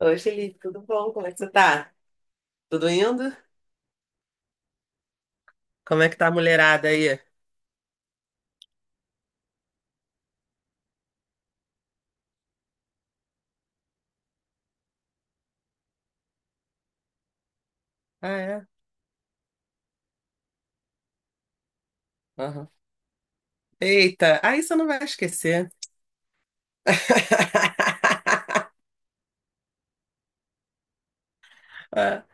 Oi, Felipe, tudo bom? Como é que você tá? Tudo indo? Como é que tá a mulherada aí? Ah, é? Aham. Eita, aí você não vai esquecer. Ah,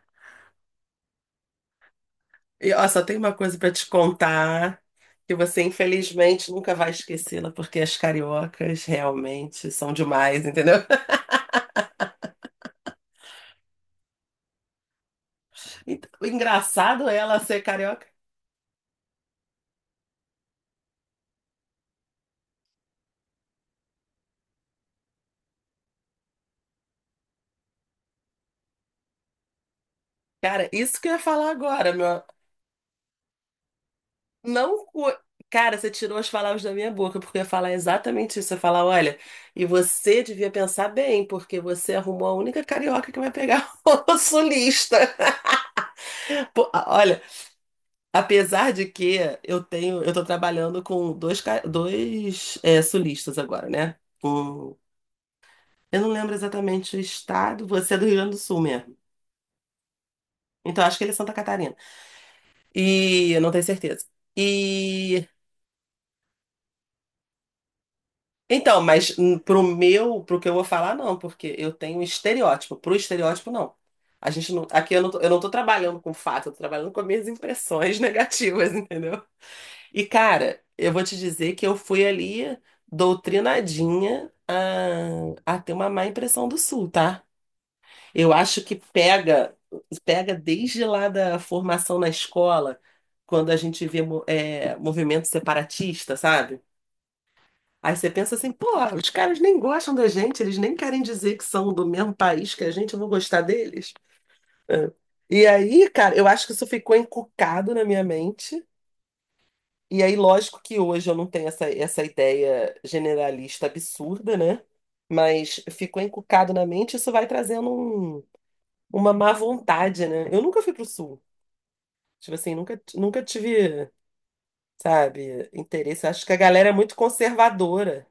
e ó, só tem uma coisa pra te contar, que você infelizmente nunca vai esquecê-la, porque as cariocas realmente são demais, entendeu? Então, o engraçado é ela ser carioca. Cara, isso que eu ia falar agora, meu. Não. Cara, você tirou as palavras da minha boca, porque eu ia falar exatamente isso. Eu ia falar, olha, e você devia pensar bem, porque você arrumou a única carioca que vai pegar o sulista. Pô, olha, apesar de que eu tô trabalhando com dois sulistas agora, né? O- eu não lembro exatamente o estado, você é do Rio Grande do Sul mesmo. Então acho que ele é Santa Catarina. E eu não tenho certeza. E então, mas pro pro que eu vou falar, não, porque eu tenho estereótipo. Pro estereótipo, não. A gente não, aqui eu não tô trabalhando com fato, eu tô trabalhando com as minhas impressões negativas, entendeu? E, cara, eu vou te dizer que eu fui ali doutrinadinha a ter uma má impressão do Sul, tá? Eu acho que pega, pega desde lá da formação na escola, quando a gente vê movimento separatista, sabe? Aí você pensa assim, pô, os caras nem gostam da gente, eles nem querem dizer que são do mesmo país que a gente, eu vou gostar deles. É. E aí, cara, eu acho que isso ficou encucado na minha mente. E aí, lógico que hoje eu não tenho essa ideia generalista absurda, né? Mas ficou encucado na mente, isso vai trazendo uma má vontade, né? Eu nunca fui pro sul. Tipo assim, nunca tive, sabe, interesse. Acho que a galera é muito conservadora,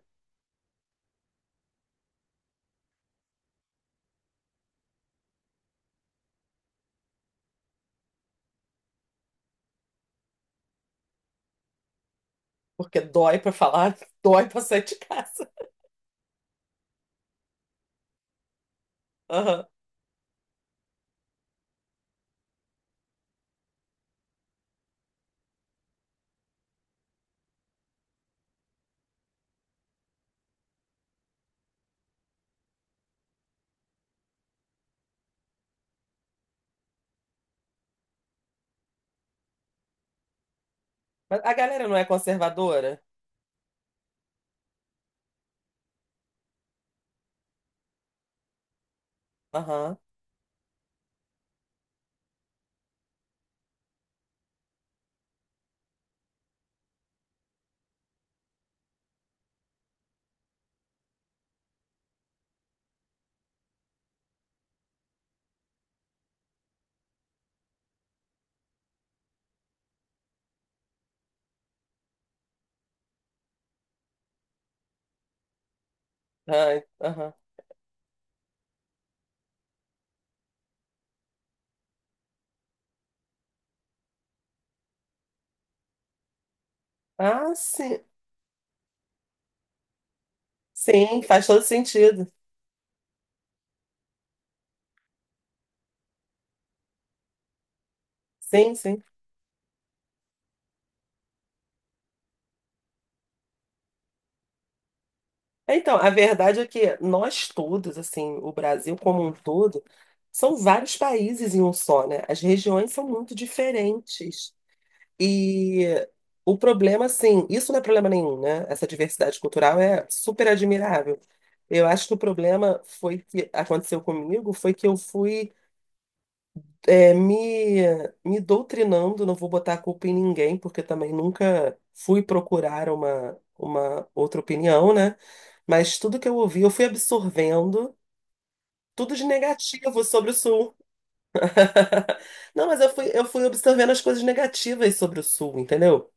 porque dói pra falar, dói pra sair de casa. Aham. Mas a galera não é conservadora? Aham. Ai, aham. Ah, sim. Sim, faz todo sentido. Sim, sim. Então, a verdade é que nós todos, assim, o Brasil como um todo, são vários países em um só, né? As regiões são muito diferentes. E o problema, assim, isso não é problema nenhum, né? Essa diversidade cultural é super admirável. Eu acho que o problema foi que aconteceu comigo, foi que eu fui é, me, me doutrinando, não vou botar a culpa em ninguém, porque também nunca fui procurar uma outra opinião, né? Mas tudo que eu ouvi, eu fui absorvendo tudo de negativo sobre o Sul. Não, mas eu fui absorvendo as coisas negativas sobre o Sul, entendeu?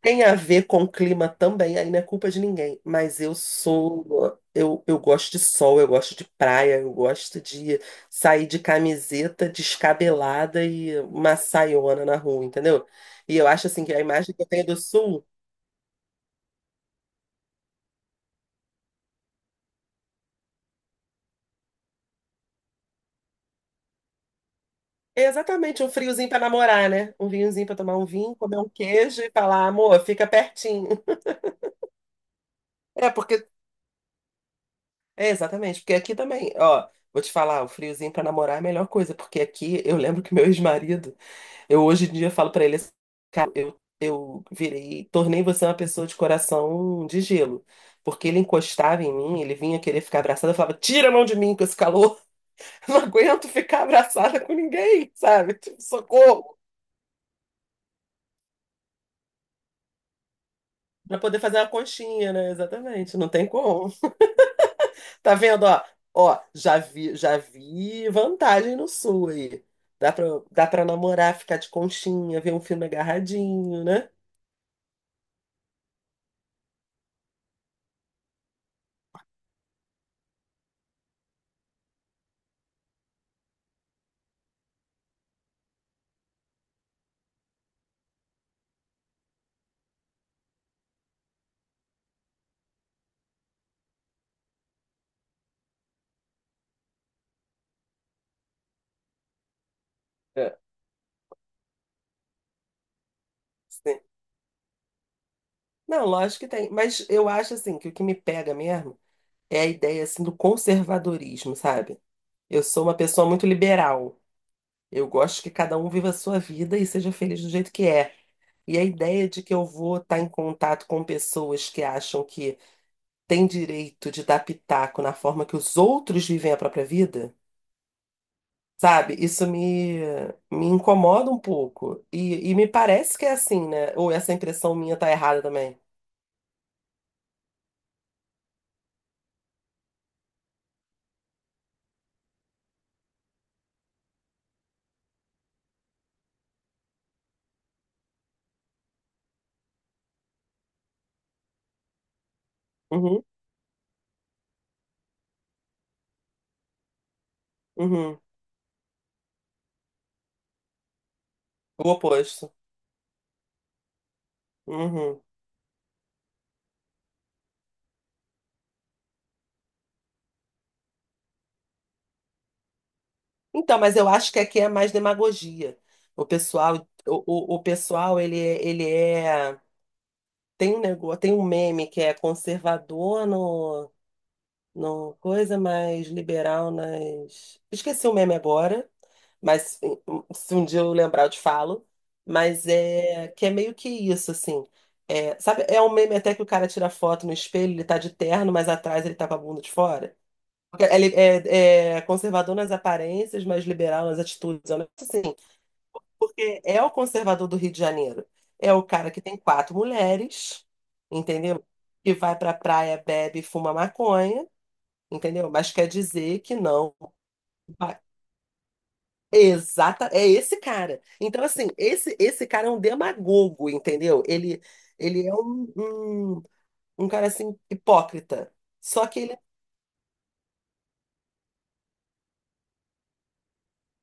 Tem a ver com o clima também, aí não é culpa de ninguém. Mas eu sou. Eu gosto de sol, eu gosto de praia, eu gosto de sair de camiseta descabelada e uma saiona na rua, entendeu? E eu acho assim que a imagem que eu tenho do sul é exatamente um friozinho pra namorar, né? Um vinhozinho pra tomar um vinho, comer um queijo e falar, amor, fica pertinho. É, porque. É, exatamente, porque aqui também, ó, vou te falar, o friozinho pra namorar é a melhor coisa, porque aqui eu lembro que meu ex-marido. Eu hoje em dia falo pra ele assim, cara, eu virei, tornei você uma pessoa de coração de gelo. Porque ele encostava em mim, ele vinha querer ficar abraçado, eu falava, tira a mão de mim com esse calor, não aguento ficar abraçada com ninguém, sabe? Tipo, socorro! Pra poder fazer uma conchinha, né? Exatamente, não tem como. Tá vendo, ó? Ó, já vi vantagem no sul aí. Dá pra, dá pra namorar, ficar de conchinha, ver um filme agarradinho, né? É. Sim. Não, lógico que tem. Mas eu acho assim que o que me pega mesmo é a ideia assim do conservadorismo, sabe? Eu sou uma pessoa muito liberal. Eu gosto que cada um viva a sua vida e seja feliz do jeito que é. E a ideia de que eu vou estar em contato com pessoas que acham que têm direito de dar pitaco na forma que os outros vivem a própria vida, sabe? Me incomoda um pouco. E me parece que é assim, né? Ou essa impressão minha tá errada também. Uhum, uhum. O oposto. Uhum. Então, mas eu acho que aqui é mais demagogia. O pessoal, o pessoal, ele é, tem um negócio, tem um meme que é conservador no coisa, mais liberal nas. Esqueci o meme agora, mas se um dia eu lembrar eu te falo. Mas é que é meio que isso, assim. É, sabe, é um meme até que o cara tira foto no espelho, ele tá de terno, mas atrás ele tá com a bunda de fora. Porque é, é conservador nas aparências, mas liberal nas atitudes. É um negócio assim, porque é o conservador do Rio de Janeiro. É o cara que tem quatro mulheres, entendeu? Que vai pra praia, bebe, e fuma maconha, entendeu? Mas quer dizer que não. vai- Exata, é esse cara. Então, assim, esse cara é um demagogo, entendeu? Ele é um cara assim, hipócrita. Só que ele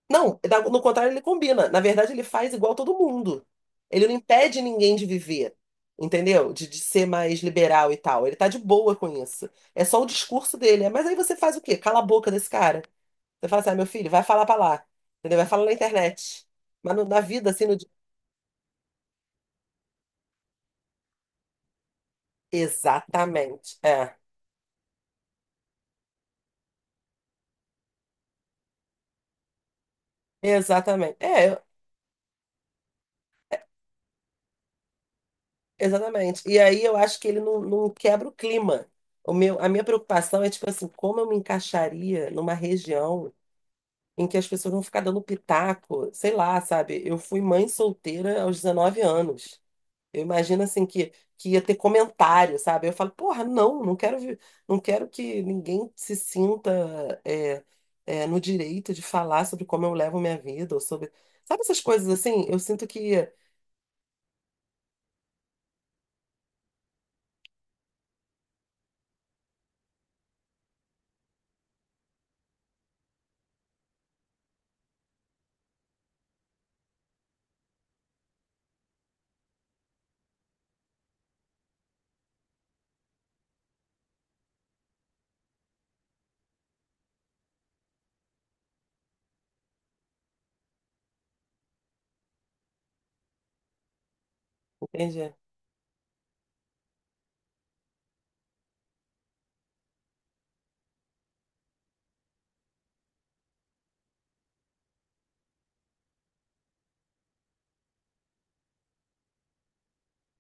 não, no contrário, ele combina. Na verdade, ele faz igual todo mundo. Ele não impede ninguém de viver, entendeu? De ser mais liberal e tal. Ele tá de boa com isso. É só o discurso dele. É, mas aí você faz o quê? Cala a boca desse cara. Você fala assim, ah, meu filho, vai falar pra lá. Entendeu? Vai falar na internet. Mas na vida, assim, no... di- exatamente. É. Exatamente. É, exatamente. E aí eu acho que ele não quebra o clima. O meu, a minha preocupação é, tipo assim, como eu me encaixaria numa região em que as pessoas vão ficar dando pitaco, sei lá, sabe? Eu fui mãe solteira aos 19 anos. Eu imagino assim que ia ter comentário, sabe? Eu falo, porra, não quero, não quero que ninguém se sinta é, no direito de falar sobre como eu levo minha vida, ou sobre. Sabe essas coisas assim? Eu sinto que. Entende?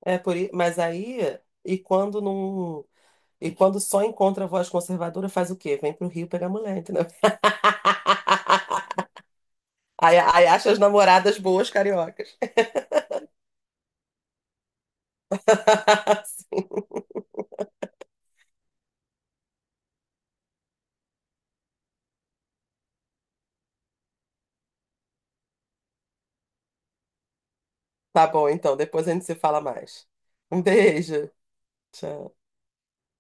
Mas aí, e quando não. E quando só encontra a voz conservadora, faz o quê? Vem pro Rio pegar mulher, entendeu? Aí, aí acha as namoradas boas cariocas. Sim. Tá bom, então. Depois a gente se fala mais. Um beijo. Tchau.